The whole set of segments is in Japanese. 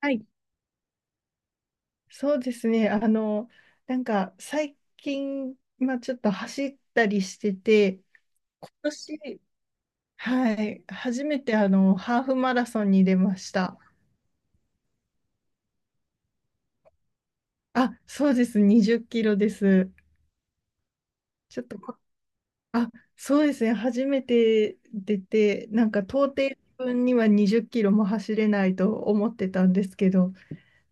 はい、そうですね。なんか最近、まあ、ちょっと走ったりしてて、今年、はい、初めてハーフマラソンに出ました。あ、そうです、20キロです。ちょっとこ、あ、そうですね、初めて出て、なんか到底自分には20キロも走れないと思ってたんですけど、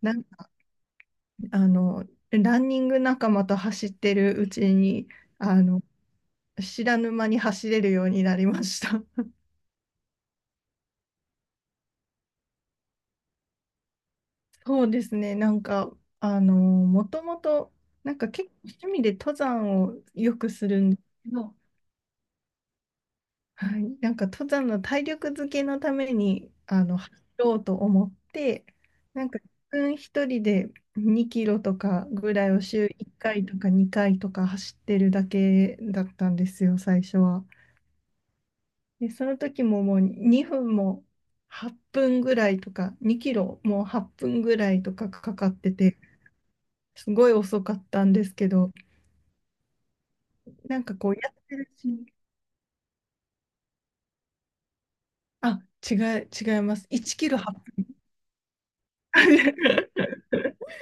なんか、あの、ランニング仲間と走ってるうちに、あの、知らぬ間に走れるようになりました。そうですね、なんか、もともと、なんか結構趣味で登山をよくするんですけど、はい、なんか登山の体力づけのために、走ろうと思って、なんか自分一人で2キロとかぐらいを週1回とか2回とか走ってるだけだったんですよ、最初は。で、その時ももう2分も8分ぐらいとか、2キロもう8分ぐらいとかかかってて、すごい遅かったんですけど、なんかこうやってるうちに、あ、違い、違います。1キロ8分。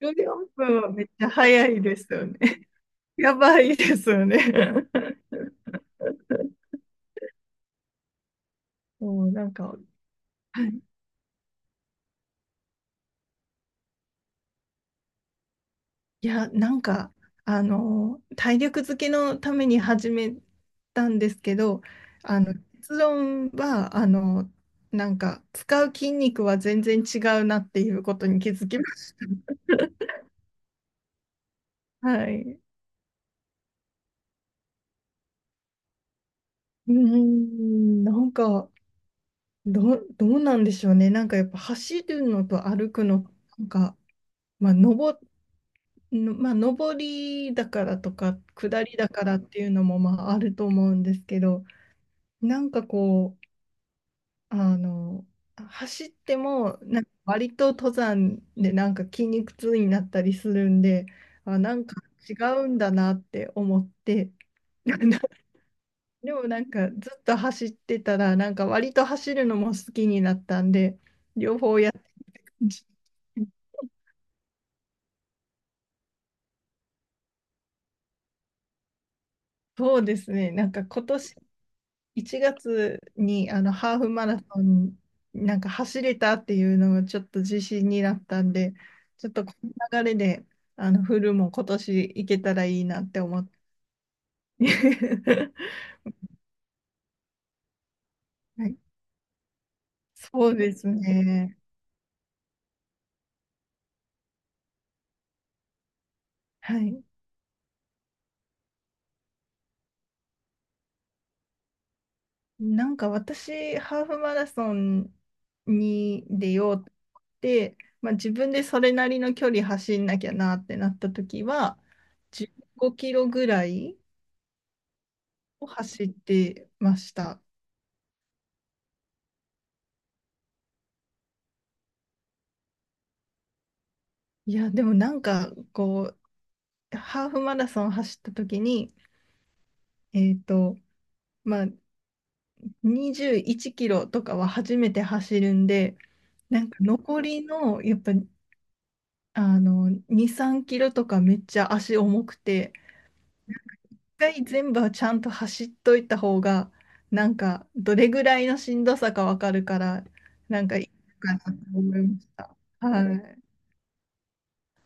14分はめっちゃ早いですよね。やばいですよね。もうなんか、はい、いや、なんか、体力づけのために始めたんですけど、あの、結論は、なんか、使う筋肉は全然違うなっていうことに気づきました。はい。うーん、なんか、どうなんでしょうね。なんかやっぱ走るのと歩くの、なんか、まあ、上りだからとか、下りだからっていうのも、まあ、あると思うんですけど、なんかこう、あの、走っても、なんか割と登山でなんか筋肉痛になったりするんで、あ、なんか違うんだなって思って、でもなんかずっと走ってたら、なんか割と走るのも好きになったんで、両方やって、そうですね、なんか今年1月にハーフマラソンなんか走れたっていうのがちょっと自信になったんで、ちょっとこの流れでフルも今年行けたらいいなって思って。はい、そうですね。はい。なんか私、ハーフマラソンに出ようって、まあ、自分でそれなりの距離走んなきゃなってなった時は、15キロぐらいを走ってました。いや、でもなんか、こう、ハーフマラソン走った時に、えっと、まあ、21キロとかは初めて走るんで、なんか残りの、やっぱ、2、3キロとかめっちゃ足重くて、一回全部はちゃんと走っといた方が、なんか、どれぐらいのしんどさかわかるから、なんかいいかなと思いました。はい。なん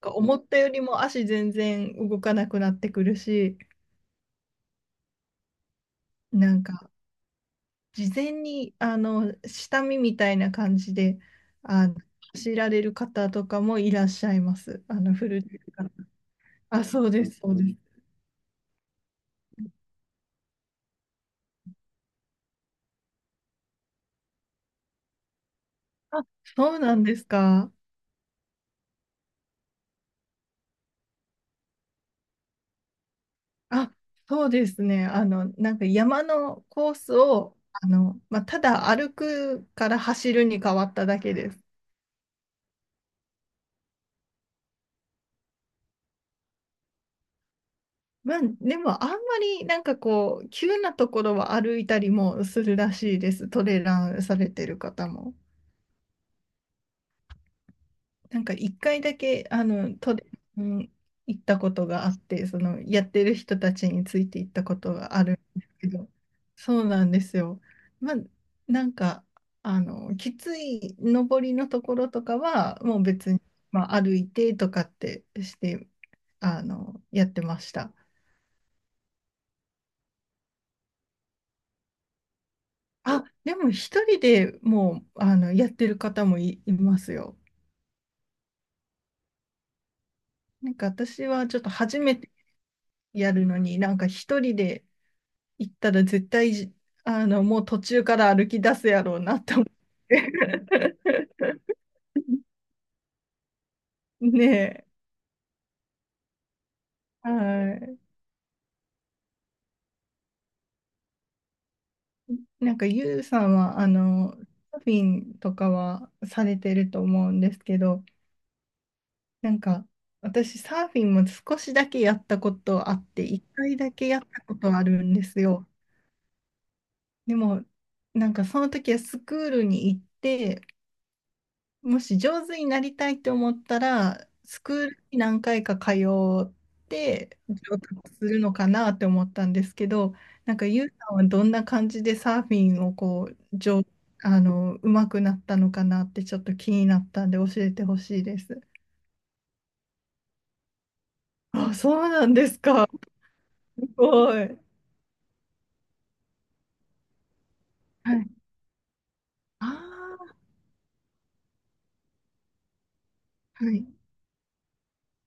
か思ったよりも足全然動かなくなってくるし、なんか、事前に、下見みたいな感じで、あの、知られる方とかもいらっしゃいます。フルで。あ、そうです、そうです。あ、そうなんですか。あ、そうですね。なんか山のコースを、まあ、ただ歩くから走るに変わっただけです。まあ、でも、あんまりなんかこう、急なところは歩いたりもするらしいです。トレランされてる方も。なんか一回だけ、都電に行ったことがあって、その、やってる人たちについて行ったことがあるんですけど、そうなんですよ。まあ、なんか、きつい上りのところとかは、もう別に、まあ、歩いてとかってして、やってました。あ、でも一人でもう、やってる方もいますよ。なんか私はちょっと初めてやるのに、なんか一人で、行ったら絶対じ、もう途中から歩き出すやろうなと思って。ねえ。はい。なんか、ゆうさんは、サーフィンとかはされてると思うんですけど、なんか、私、サーフィンも少しだけやったことあって、一回だけやったことあるんですよ。でも、なんか、その時はスクールに行って、もし上手になりたいと思ったら、スクールに何回か通って上達するのかなって思ったんですけど、なんかユウさんはどんな感じでサーフィンをこう、上、あの、う手くなったのかなってちょっと気になったんで教えてほしいです。あ、そうなんですか。すごい。はい。ああ、はい。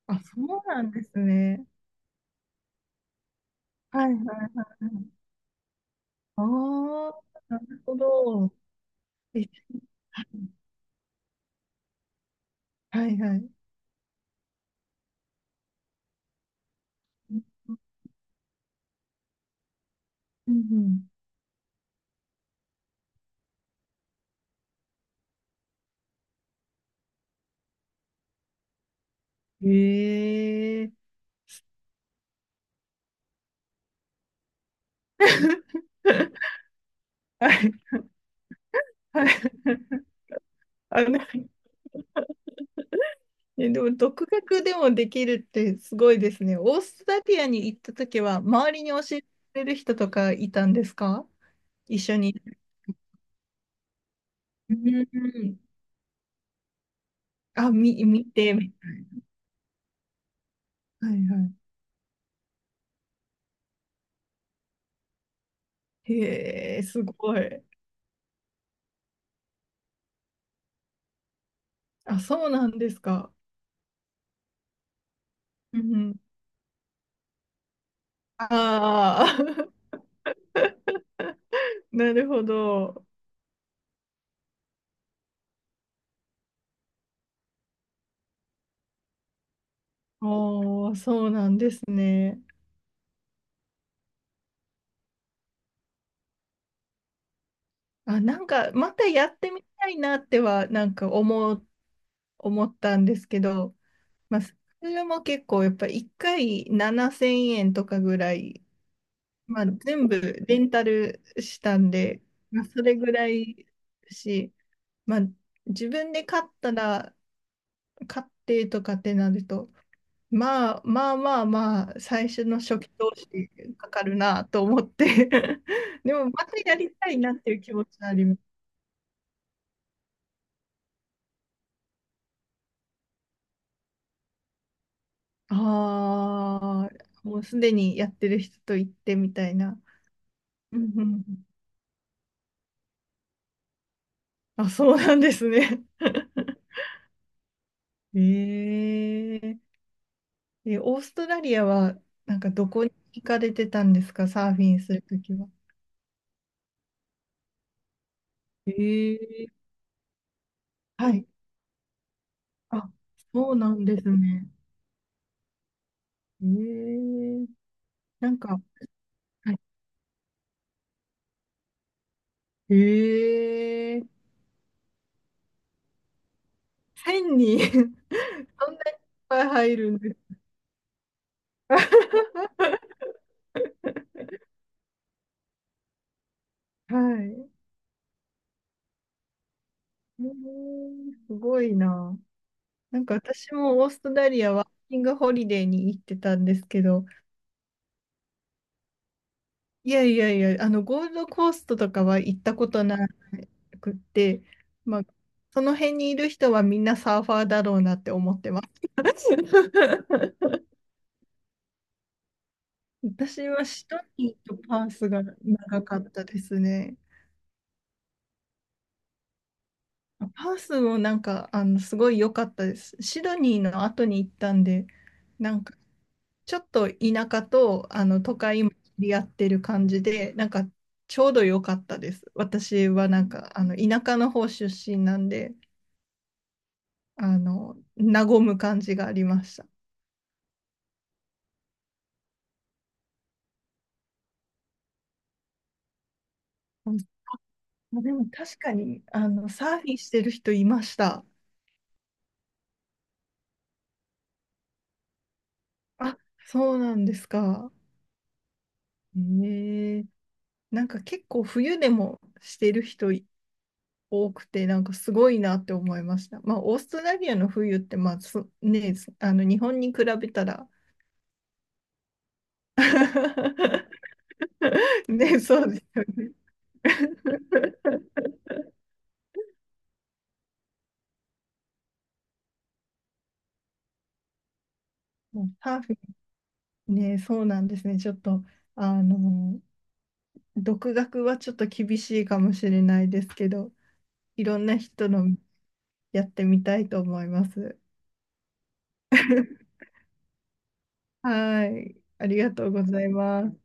あ、そうなんですね。はいはいはいはい。ああ、なるほど。え、はいはい。うんうん。ええ。 はい。はい。あの、でも独学でもできるってすごいですね。オーストラリアに行った時は、周りに教えてくれる人とかいたんですか、一緒に。うん、見て。はいはい。へえ、すごい。あ、そうなんですか。うんうん。ああ。なるほど。おー、そうなんですね。あ、なんか、またやってみたいなっては、思ったんですけど、まあ、それも結構、やっぱ1回7000円とかぐらい、まあ、全部レンタルしたんで、まあ、それぐらいし、まあ、自分で買ったら、買ってとかってなると、まあまあまあまあ、最初の初期投資かかるなと思って。 でも、またやりたいなっていう気持ちはあります。ああ、もうすでにやってる人と行ってみたいな。うんうんうん、あ、そうなんですね。え、え、え、オーストラリアは、なんかどこに行かれてたんですか、サーフィンするときは。ええ、はい。あ、そうなんですね。ええ、なんか、はい、ええ、1000人。 そんなにいっぱい入るんですか。はい。ええ、すごいな。なんか私もオーストラリアワーキングホリデーに行ってたんですけど、いやいやいや、ゴールドコーストとかは行ったことなくって、まあ、その辺にいる人はみんなサーファーだろうなって思ってます。私はシドニーとパースが長かったですね。パースもなんか、すごい良かったです。シドニーの後に行ったんで、なんかちょっと田舎と都会も切り合ってる感じで、なんかちょうど良かったです。私はなんか田舎の方出身なんで、和む感じがありました。うん、でも確かに、サーフィンしてる人いました。あ、そうなんですか。ええ、なんか結構冬でもしてる人多くて、なんかすごいなって思いました。まあ、オーストラリアの冬って、まあ、そね、日本に比べたら、ね、そうですよね。もうサーフィンね、そうなんですね。ちょっと、あの、独学はちょっと厳しいかもしれないですけど、いろんな人のやってみたいと思います。はい、ありがとうございます。